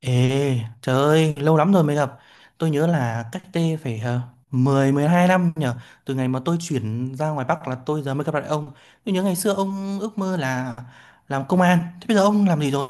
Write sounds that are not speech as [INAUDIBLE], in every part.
Ê, trời ơi, lâu lắm rồi mới gặp. Tôi nhớ là cách đây phải 10 12 năm nhở. Từ ngày mà tôi chuyển ra ngoài Bắc là tôi giờ mới gặp lại ông. Tôi nhớ ngày xưa ông ước mơ là làm công an. Thế bây giờ ông làm gì rồi?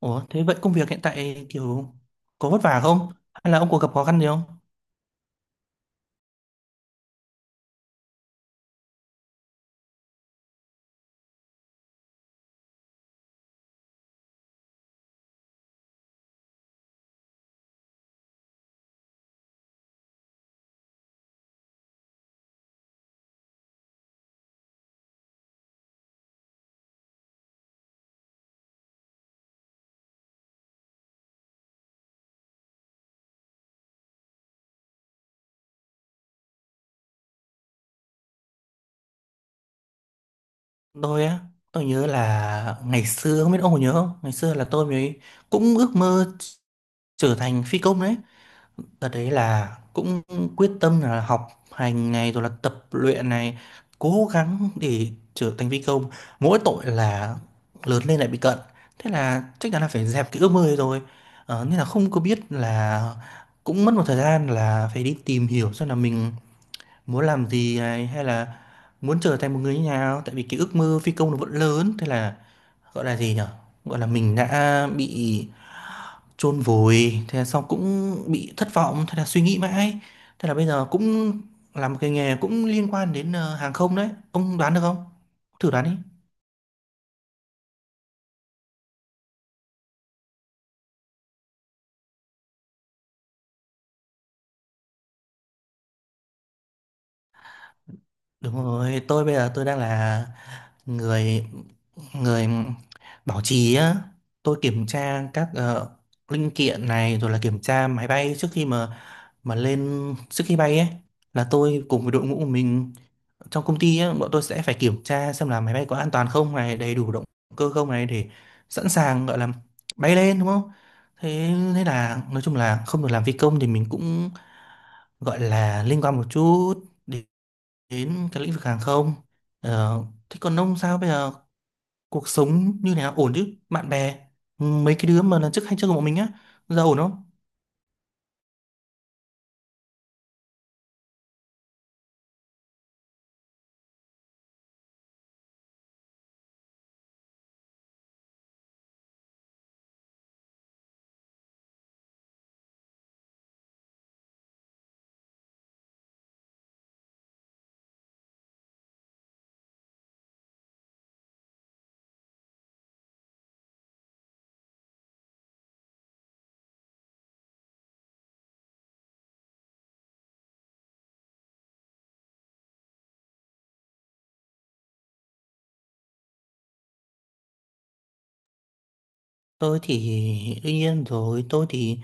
Ủa, thế vậy công việc hiện tại kiểu có vất vả không? Hay là ông có gặp khó khăn gì không? Tôi á, tôi nhớ là ngày xưa, không biết ông có nhớ không? Ngày xưa là tôi mới cũng ước mơ trở thành phi công đấy. Đợt đấy là cũng quyết tâm là học hành này rồi là tập luyện này, cố gắng để trở thành phi công, mỗi tội là lớn lên lại bị cận, thế là chắc chắn là phải dẹp cái ước mơ ấy rồi. Nên là không có biết là cũng mất một thời gian là phải đi tìm hiểu xem là mình muốn làm gì này, hay là muốn trở thành một người như nào, tại vì cái ước mơ phi công nó vẫn lớn. Thế là gọi là gì nhở, gọi là mình đã bị chôn vùi, thế là xong, cũng bị thất vọng, thế là suy nghĩ mãi. Thế là bây giờ cũng làm một cái nghề cũng liên quan đến hàng không đấy, ông đoán được không, thử đoán đi. Đúng rồi, tôi bây giờ tôi đang là người người bảo trì á. Tôi kiểm tra các linh kiện này, rồi là kiểm tra máy bay trước khi mà lên, trước khi bay ấy. Là tôi cùng với đội ngũ của mình trong công ty á, bọn tôi sẽ phải kiểm tra xem là máy bay có an toàn không này, đầy đủ động cơ không này, để sẵn sàng gọi là bay lên, đúng không. Thế thế là nói chung là không được làm phi công thì mình cũng gọi là liên quan một chút đến, đến cái lĩnh vực hàng không. ờ, Thế còn ông sao bây giờ, cuộc sống như nào, ổn chứ, bạn bè, ừ, mấy cái đứa mà lần trước hay chơi cùng bọn mình á, giờ ổn không? Tôi thì đương nhiên rồi, tôi thì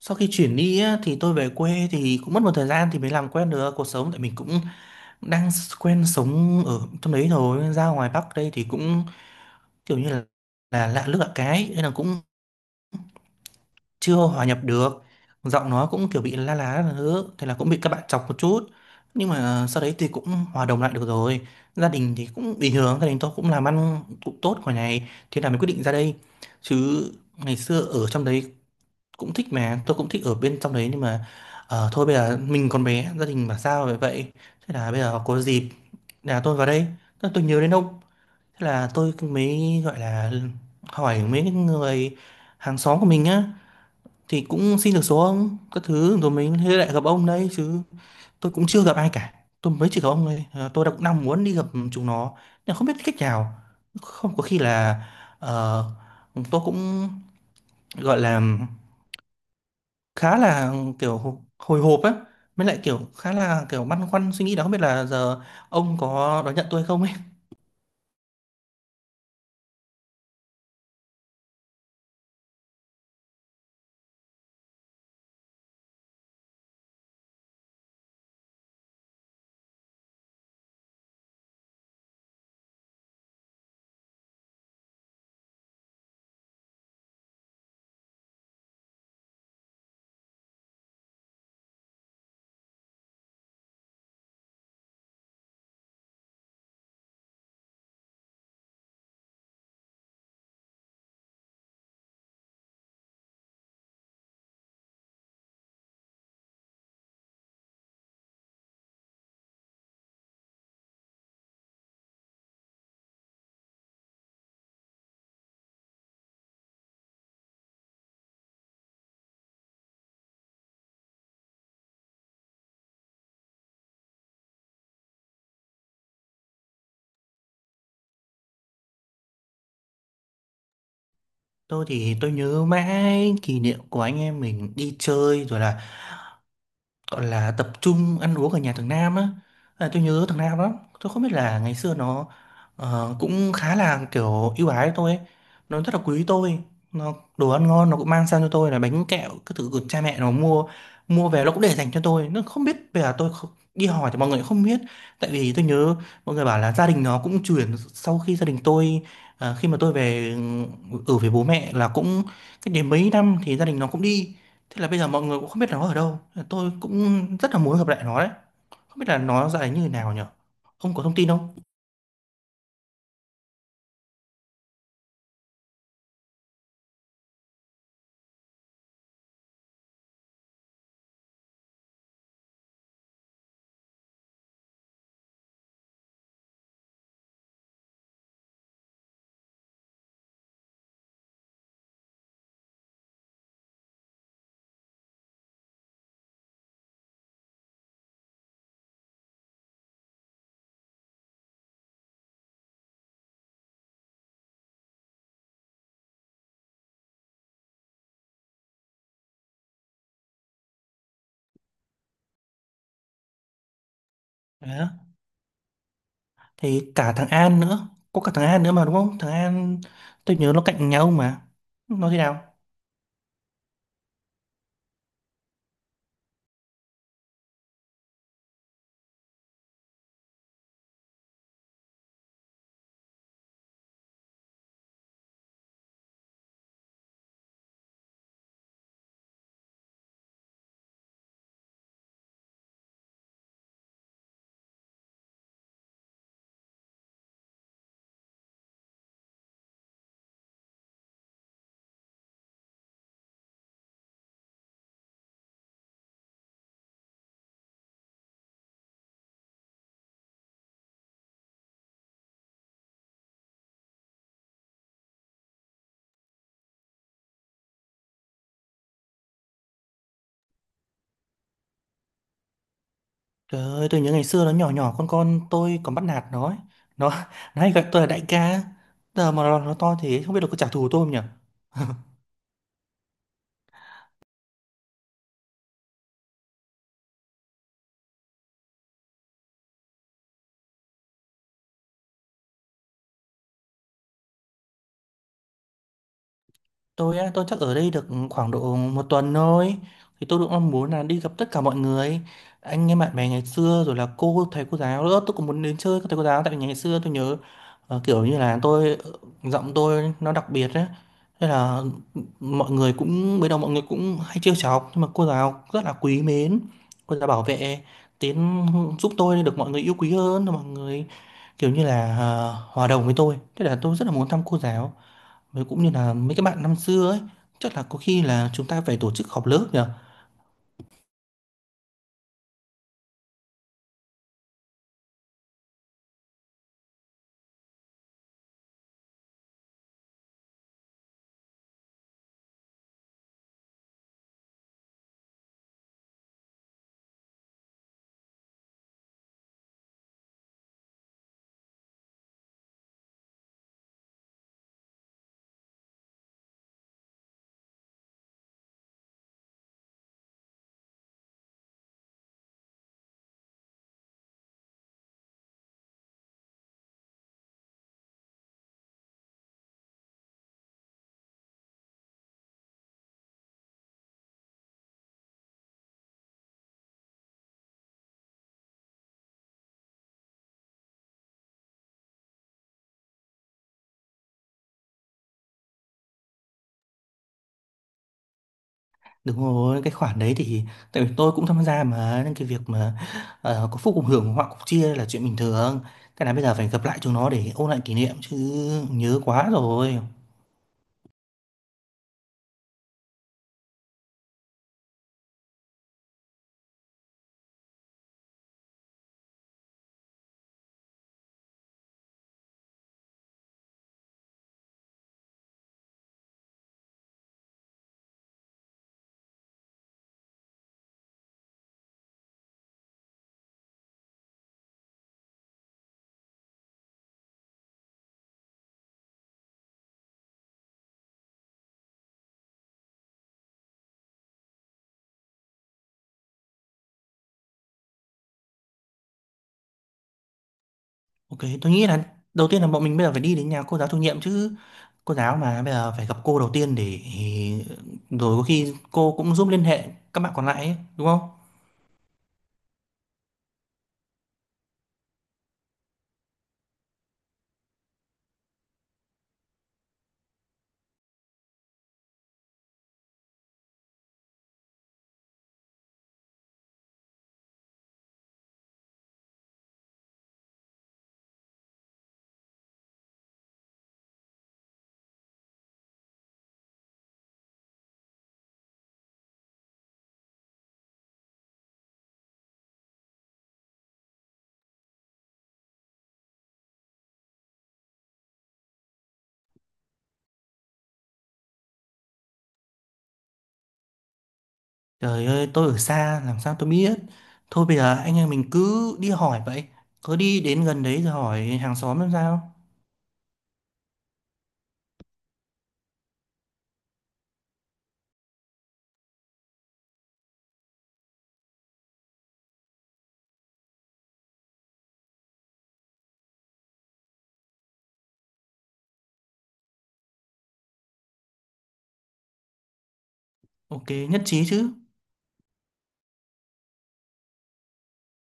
sau khi chuyển đi á, thì tôi về quê thì cũng mất một thời gian thì mới làm quen được cuộc sống, tại mình cũng đang quen sống ở trong đấy rồi, nên ra ngoài Bắc đây thì cũng kiểu như là lạ nước lạ cái, nên là cũng chưa hòa nhập được. Giọng nó cũng kiểu bị la lá là thứ, thế là cũng bị các bạn chọc một chút, nhưng mà sau đấy thì cũng hòa đồng lại được rồi. Gia đình thì cũng bình thường, gia đình tôi cũng làm ăn cũng tốt ngoài này, thế là mình quyết định ra đây, chứ ngày xưa ở trong đấy cũng thích, mà tôi cũng thích ở bên trong đấy, nhưng mà ờ, thôi bây giờ mình còn bé, gia đình bảo sao vậy vậy. Thế là bây giờ có dịp là tôi vào đây, tôi nhớ đến ông, thế là tôi mới gọi là hỏi mấy cái người hàng xóm của mình á, thì cũng xin được số ông các thứ, rồi mình thế lại gặp ông đấy chứ. Tôi cũng chưa gặp ai cả, tôi mới chỉ gặp ông thôi. Ờ, tôi đã cũng đang muốn đi gặp chúng nó nhưng không biết cách nào, không có khi là ờ, tôi cũng gọi là khá là kiểu hồi hộp á, mới lại kiểu khá là kiểu băn khoăn suy nghĩ đó, không biết là giờ ông có đón nhận tôi không ấy. Tôi thì tôi nhớ mãi kỷ niệm của anh em mình đi chơi, rồi là gọi là tập trung ăn uống ở nhà thằng Nam á. À, tôi nhớ thằng Nam lắm. Tôi không biết là ngày xưa nó cũng khá là kiểu ưu ái với tôi ấy. Nó rất là quý tôi, nó đồ ăn ngon nó cũng mang sang cho tôi là bánh kẹo cái thứ của cha mẹ nó mua, mua về nó cũng để dành cho tôi. Nó không biết bây giờ tôi không, đi hỏi thì mọi người cũng không biết, tại vì tôi nhớ mọi người bảo là gia đình nó cũng chuyển sau khi gia đình tôi khi mà tôi về, ừ, ở với bố mẹ là cũng cách đến mấy năm thì gia đình nó cũng đi. Thế là bây giờ mọi người cũng không biết là nó ở đâu. Tôi cũng rất là muốn gặp lại nó đấy. Không biết là nó dạy như thế nào nhỉ? Không có thông tin không? Đấy. Á. Thì cả thằng An nữa. Có cả thằng An nữa mà đúng không? Thằng An tôi nhớ nó cạnh nhà ông mà. Nó thế nào? Trời ơi, tôi nhớ ngày xưa nó nhỏ nhỏ con tôi còn bắt nạt nó ấy. Nó, [LAUGHS] nó hay gọi tôi là đại ca. Giờ mà nó to thế không biết là có trả thù tôi không nhỉ? Tôi á, tôi chắc ở đây được khoảng độ một tuần thôi. Thì tôi cũng mong muốn là đi gặp tất cả mọi người, anh em bạn bè ngày xưa, rồi là cô thầy cô giáo nữa. Tôi cũng muốn đến chơi các thầy cô giáo, tại vì ngày xưa tôi nhớ kiểu như là tôi giọng tôi nó đặc biệt á. Thế là mọi người cũng bây đầu mọi người cũng hay trêu chọc, nhưng mà cô giáo rất là quý mến. Cô giáo bảo vệ tiến, giúp tôi được mọi người yêu quý hơn, mọi người kiểu như là hòa đồng với tôi. Thế là tôi rất là muốn thăm cô giáo. Với cũng như là mấy cái bạn năm xưa ấy, chắc là có khi là chúng ta phải tổ chức họp lớp nhờ. Đúng rồi, cái khoản đấy thì tại vì tôi cũng tham gia mà, nên cái việc mà có phúc cùng hưởng họa cùng chia là chuyện bình thường. Cái này bây giờ phải gặp lại chúng nó để ôn lại kỷ niệm chứ, nhớ quá rồi. Ok, tôi nghĩ là đầu tiên là bọn mình bây giờ phải đi đến nhà cô giáo chủ nhiệm chứ. Cô giáo mà bây giờ phải gặp cô đầu tiên, để rồi có khi cô cũng giúp liên hệ các bạn còn lại ấy, đúng không? Trời ơi, tôi ở xa làm sao tôi biết. Thôi bây giờ anh em mình cứ đi hỏi vậy. Cứ đi đến gần đấy rồi hỏi hàng xóm làm sao. Ok, nhất trí chứ.